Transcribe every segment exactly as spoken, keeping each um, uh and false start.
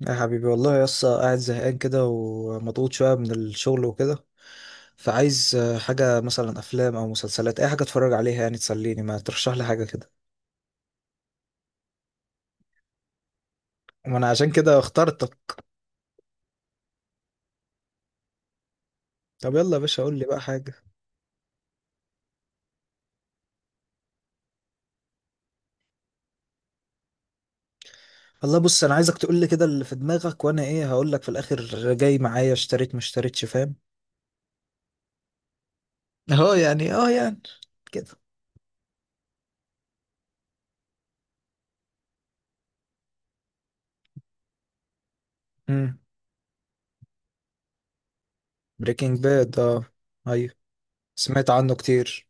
يا حبيبي، والله يا اسطى، قاعد زهقان كده ومضغوط شوية من الشغل وكده. فعايز آه، حاجة، مثلا أفلام أو مسلسلات، أي حاجة أتفرج عليها يعني تسليني. ما ترشح لي حاجة كده؟ ما أنا عشان كده اخترتك. طب يلا يا باشا، قول لي بقى حاجة. والله بص، أنا عايزك تقول لي كده اللي في دماغك، وأنا إيه هقول لك في الآخر. جاي معايا؟ اشتريت ما اشتريتش، فاهم. اه يعني اه يعني كده. امم. بريكنج باد، اه. أيوه، سمعت عنه كتير.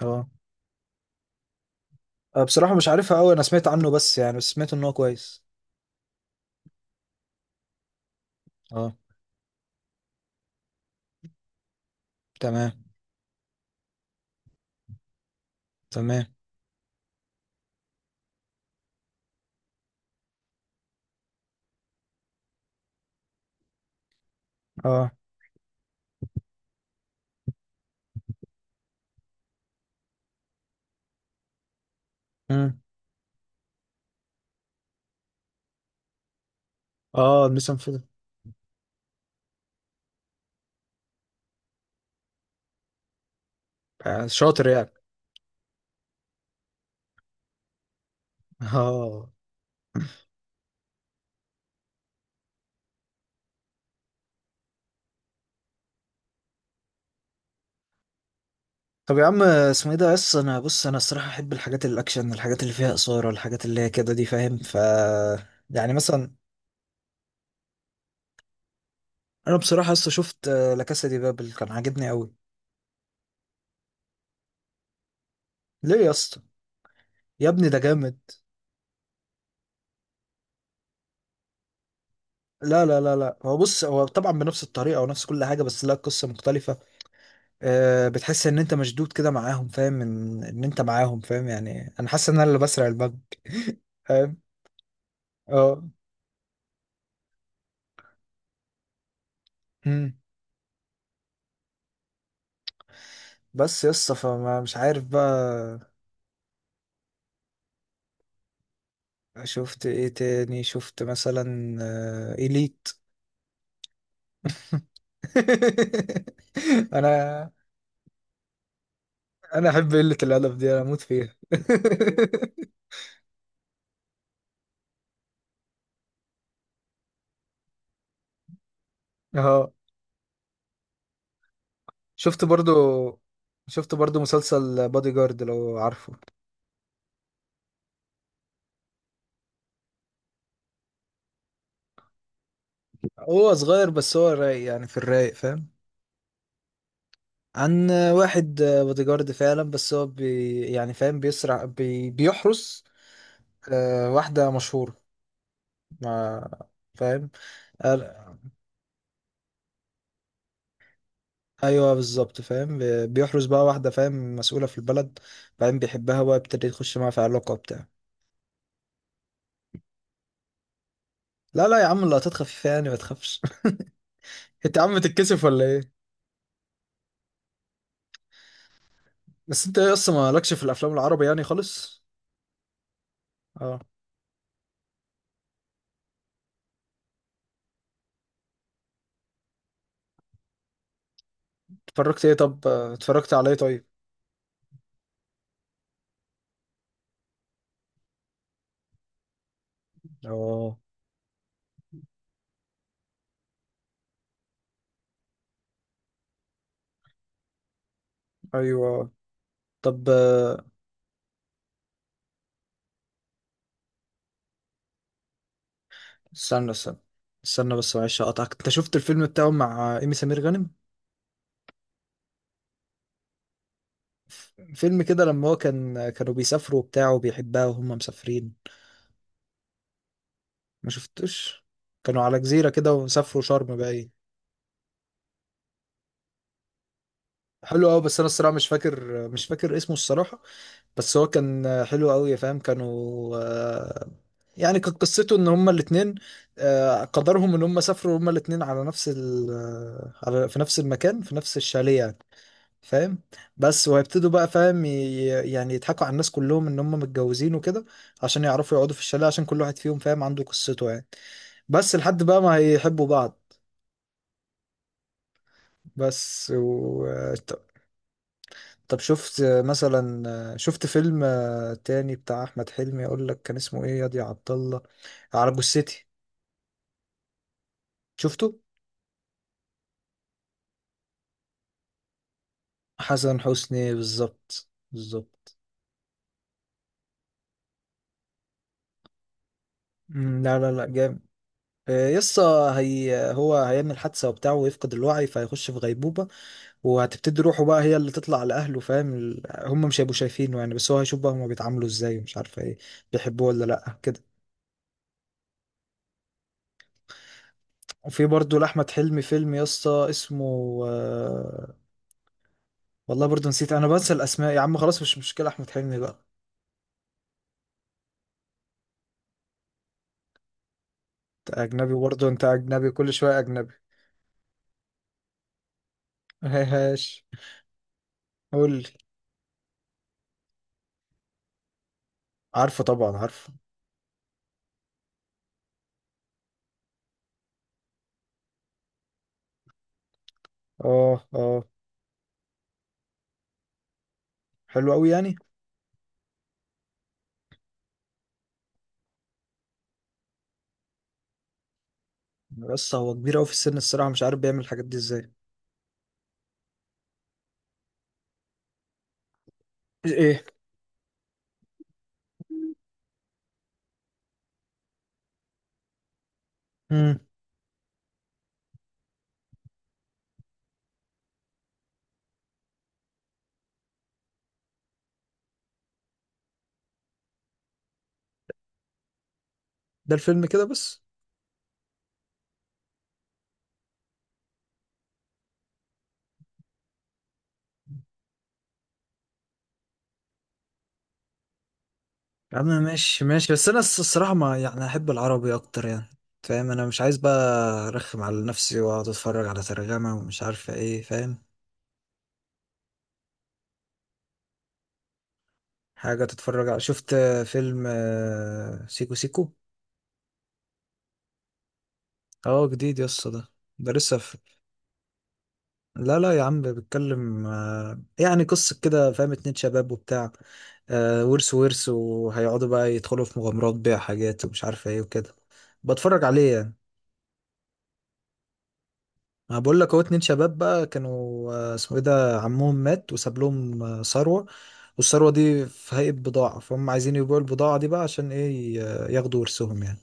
اه. آه، بصراحة مش عارفها أوي، أنا سمعت عنه، بس يعني بس سمعت إن هو كويس. أه. تمام. تمام. اه. امم. اه، المسا مفيدة. آه، شاطر يعني. اه. طب يا عم، اسمه ايه ده؟ بس انا، بص، انا الصراحة احب الحاجات الاكشن، الحاجات اللي فيها اثارة، الحاجات اللي هي كده دي، فاهم. ف يعني مثلا. انا بصراحة لسه شفت آه، لا كاسا دي بابل، كان عاجبني قوي. ليه يا اسطى؟ يا ابني ده جامد. لا لا لا لا، هو بص، هو طبعا بنفس الطريقة ونفس كل حاجة، بس لا، قصة مختلفة. آه، بتحس ان انت مشدود كده معاهم، فاهم؟ ان ان انت معاهم، فاهم؟ يعني انا حاسس ان انا اللي بسرق البنك. اه. مم. بس يسطا، فما مش عارف بقى. شفت ايه تاني؟ شفت مثلا آه، إليت. انا انا احب قلة الادب دي، انا اموت فيها. اه، شفت برضو شفت برضو مسلسل بادي جارد، لو عارفه. هو صغير بس هو رايق يعني، في الرايق، فاهم. عن واحد بادي جارد فعلا، بس هو بي يعني، فاهم، بيسرع، بي بيحرس آه، واحدة مشهورة. ما. فاهم. قال- ايوه بالظبط، فاهم، بي- بيحرز بقى واحده، فاهم، مسؤوله في البلد. بعدين بيحبها بقى، يبتدي يخش معاها في علاقه وبتاع. لا لا يا عم، اللقطات خفيفه يعني، ما تخافش. انت يا عم بتتكسف ولا ايه؟ بس انت ايه، اصلا مالكش في الافلام العربي يعني خالص. اه. اتفرجت ايه؟ طب آه، اتفرجت على ايه طيب؟ اه. ايوه. طب، آه، استنى استنى استنى. بس معلش اقطعك، انت شفت الفيلم بتاعه مع ايمي سمير غانم؟ ف- فيلم كده، لما هو كان كانوا بيسافروا وبتاع، وبيحبها وهم مسافرين. ما شفتوش. كانوا على جزيرة كده، وسافروا شرم باين. حلو قوي، بس انا الصراحة مش فاكر مش فاكر اسمه الصراحة. بس هو كان حلو قوي، يا فاهم، كانوا، آه، يعني كانت قصته ان هما الاتنين، آه، قدرهم ان هما سافروا هما الاتنين على نفس ال آه، على في نفس المكان، في نفس الشاليه يعني، فاهم. بس وهيبتدوا بقى، فاهم. ي- يعني يضحكوا على الناس كلهم ان هم متجوزين وكده، عشان يعرفوا يقعدوا في الشاليه، عشان كل واحد فيهم فاهم عنده قصته يعني. بس لحد بقى ما هيحبوا بعض. بس و... طب. طب شفت مثلا، شفت فيلم تاني بتاع احمد حلمي، اقول لك كان اسمه ايه، ياض يا دي عبد الله. على جثتي. شفته. حسن حسني، بالظبط بالظبط. مم، لا لا لا، جامد. آه، يسا. هي هو هيعمل حادثة وبتاع ويفقد الوعي، فهيخش في غيبوبة. وهتبتدي روحه بقى، هي اللي تطلع لأهله، فاهم، ال- هم مش هيبقوا شايفينه يعني، بس هو هيشوف بقى هما بيتعاملوا ازاي، ومش عارفة ايه. بيحبوه ولا لأ كده. وفي برضو لأحمد حلمي فيلم يا اسطى، اسمه، آه، والله برضو نسيت، انا بنسى الاسماء يا عم، خلاص مش مشكلة، احمد حلمي بقى. انت اجنبي برضو، انت اجنبي كل شوية اجنبي. هاش. قول لي. عارفه طبعا، عارفه. اه. اه. حلو قوي يعني. بس هو كبير قوي في السن، الصراحة مش عارف بيعمل الحاجات دي ازاي. ايه. امم. ده الفيلم كده بس. يا عم ماشي ماشي، بس انا الص- الصراحة، ما يعني، احب العربي اكتر يعني. فاهم، انا مش عايز بقى ارخم على نفسي، واقعد اتفرج على ترجمة ومش عارفة ايه، فاهم. حاجة تتفرج على، شفت فيلم آه، سيكو سيكو. اه، جديد يسطا ده. ده لسه في... لا لا يا عم، بيتكلم آه، يعني قصة كده، فاهم، اتنين شباب وبتاع، آه، ورث ورث وهيقعدوا بقى يدخلوا في مغامرات بيع حاجات، ومش عارف ايه وكده. بتفرج عليه يعني. انا بقول لك، هو اتنين شباب بقى كانوا، آه، اسمه ايه ده، عمهم مات وساب لهم آه، ثروة. والثروة دي في هيئة بضاعة، فهم عايزين يبيعوا البضاعة دي بقى، عشان ايه، ي- ياخدوا ورثهم يعني.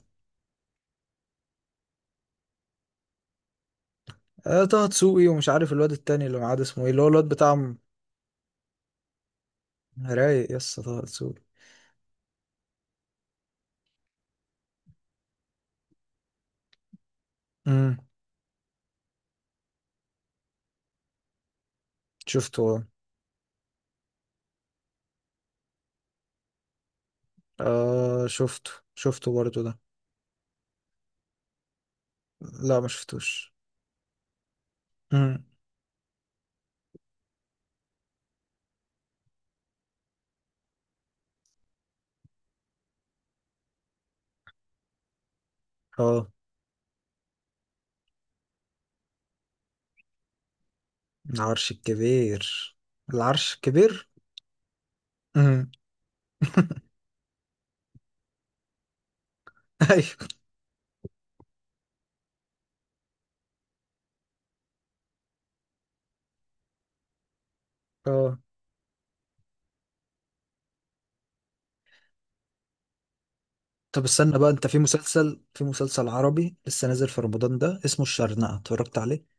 آه، طه دسوقي، ومش عارف الواد التاني اللي معاه ده اسمه ايه، اللي هو الواد بتاع. م- رايق يس طه دسوقي. امم. شفته. اه. آه، شفته شفته برضه ده. لا، ما شفتوش. امم. اه. العرش الكبير. العرش الكبير. امم. ايوه. اه. طب استنى بقى، انت في مسلسل في مسلسل عربي لسه نازل في رمضان ده اسمه الشرنقة، اتفرجت عليه؟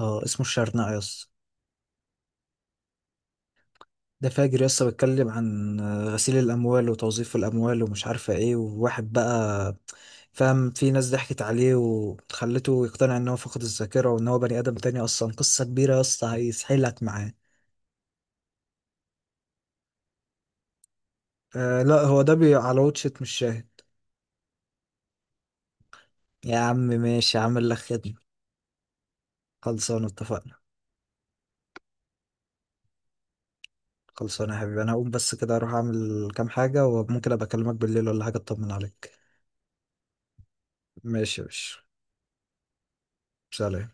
اه، اسمه الشرنقة يس. ده فاجر يسطا، بيتكلم عن غسيل الأموال وتوظيف الأموال ومش عارفة إيه، وواحد بقى، فاهم، في ناس ضحكت عليه وخلته يقتنع إن هو فقد الذاكرة، وإن هو بني آدم تاني، أصلا قصة كبيرة يا اسطى، هيسحلك معاه. آه لا، هو ده بي على واتشت، مش شاهد. يا عم ماشي، عامل لك خدمة. خلصان اتفقنا. خلصانة يا حبيبي، أنا هقوم بس كده، أروح أعمل كام حاجة، وممكن أبقى أكلمك بالليل ولا حاجة أطمن عليك. ماشي يا باشا. سلام.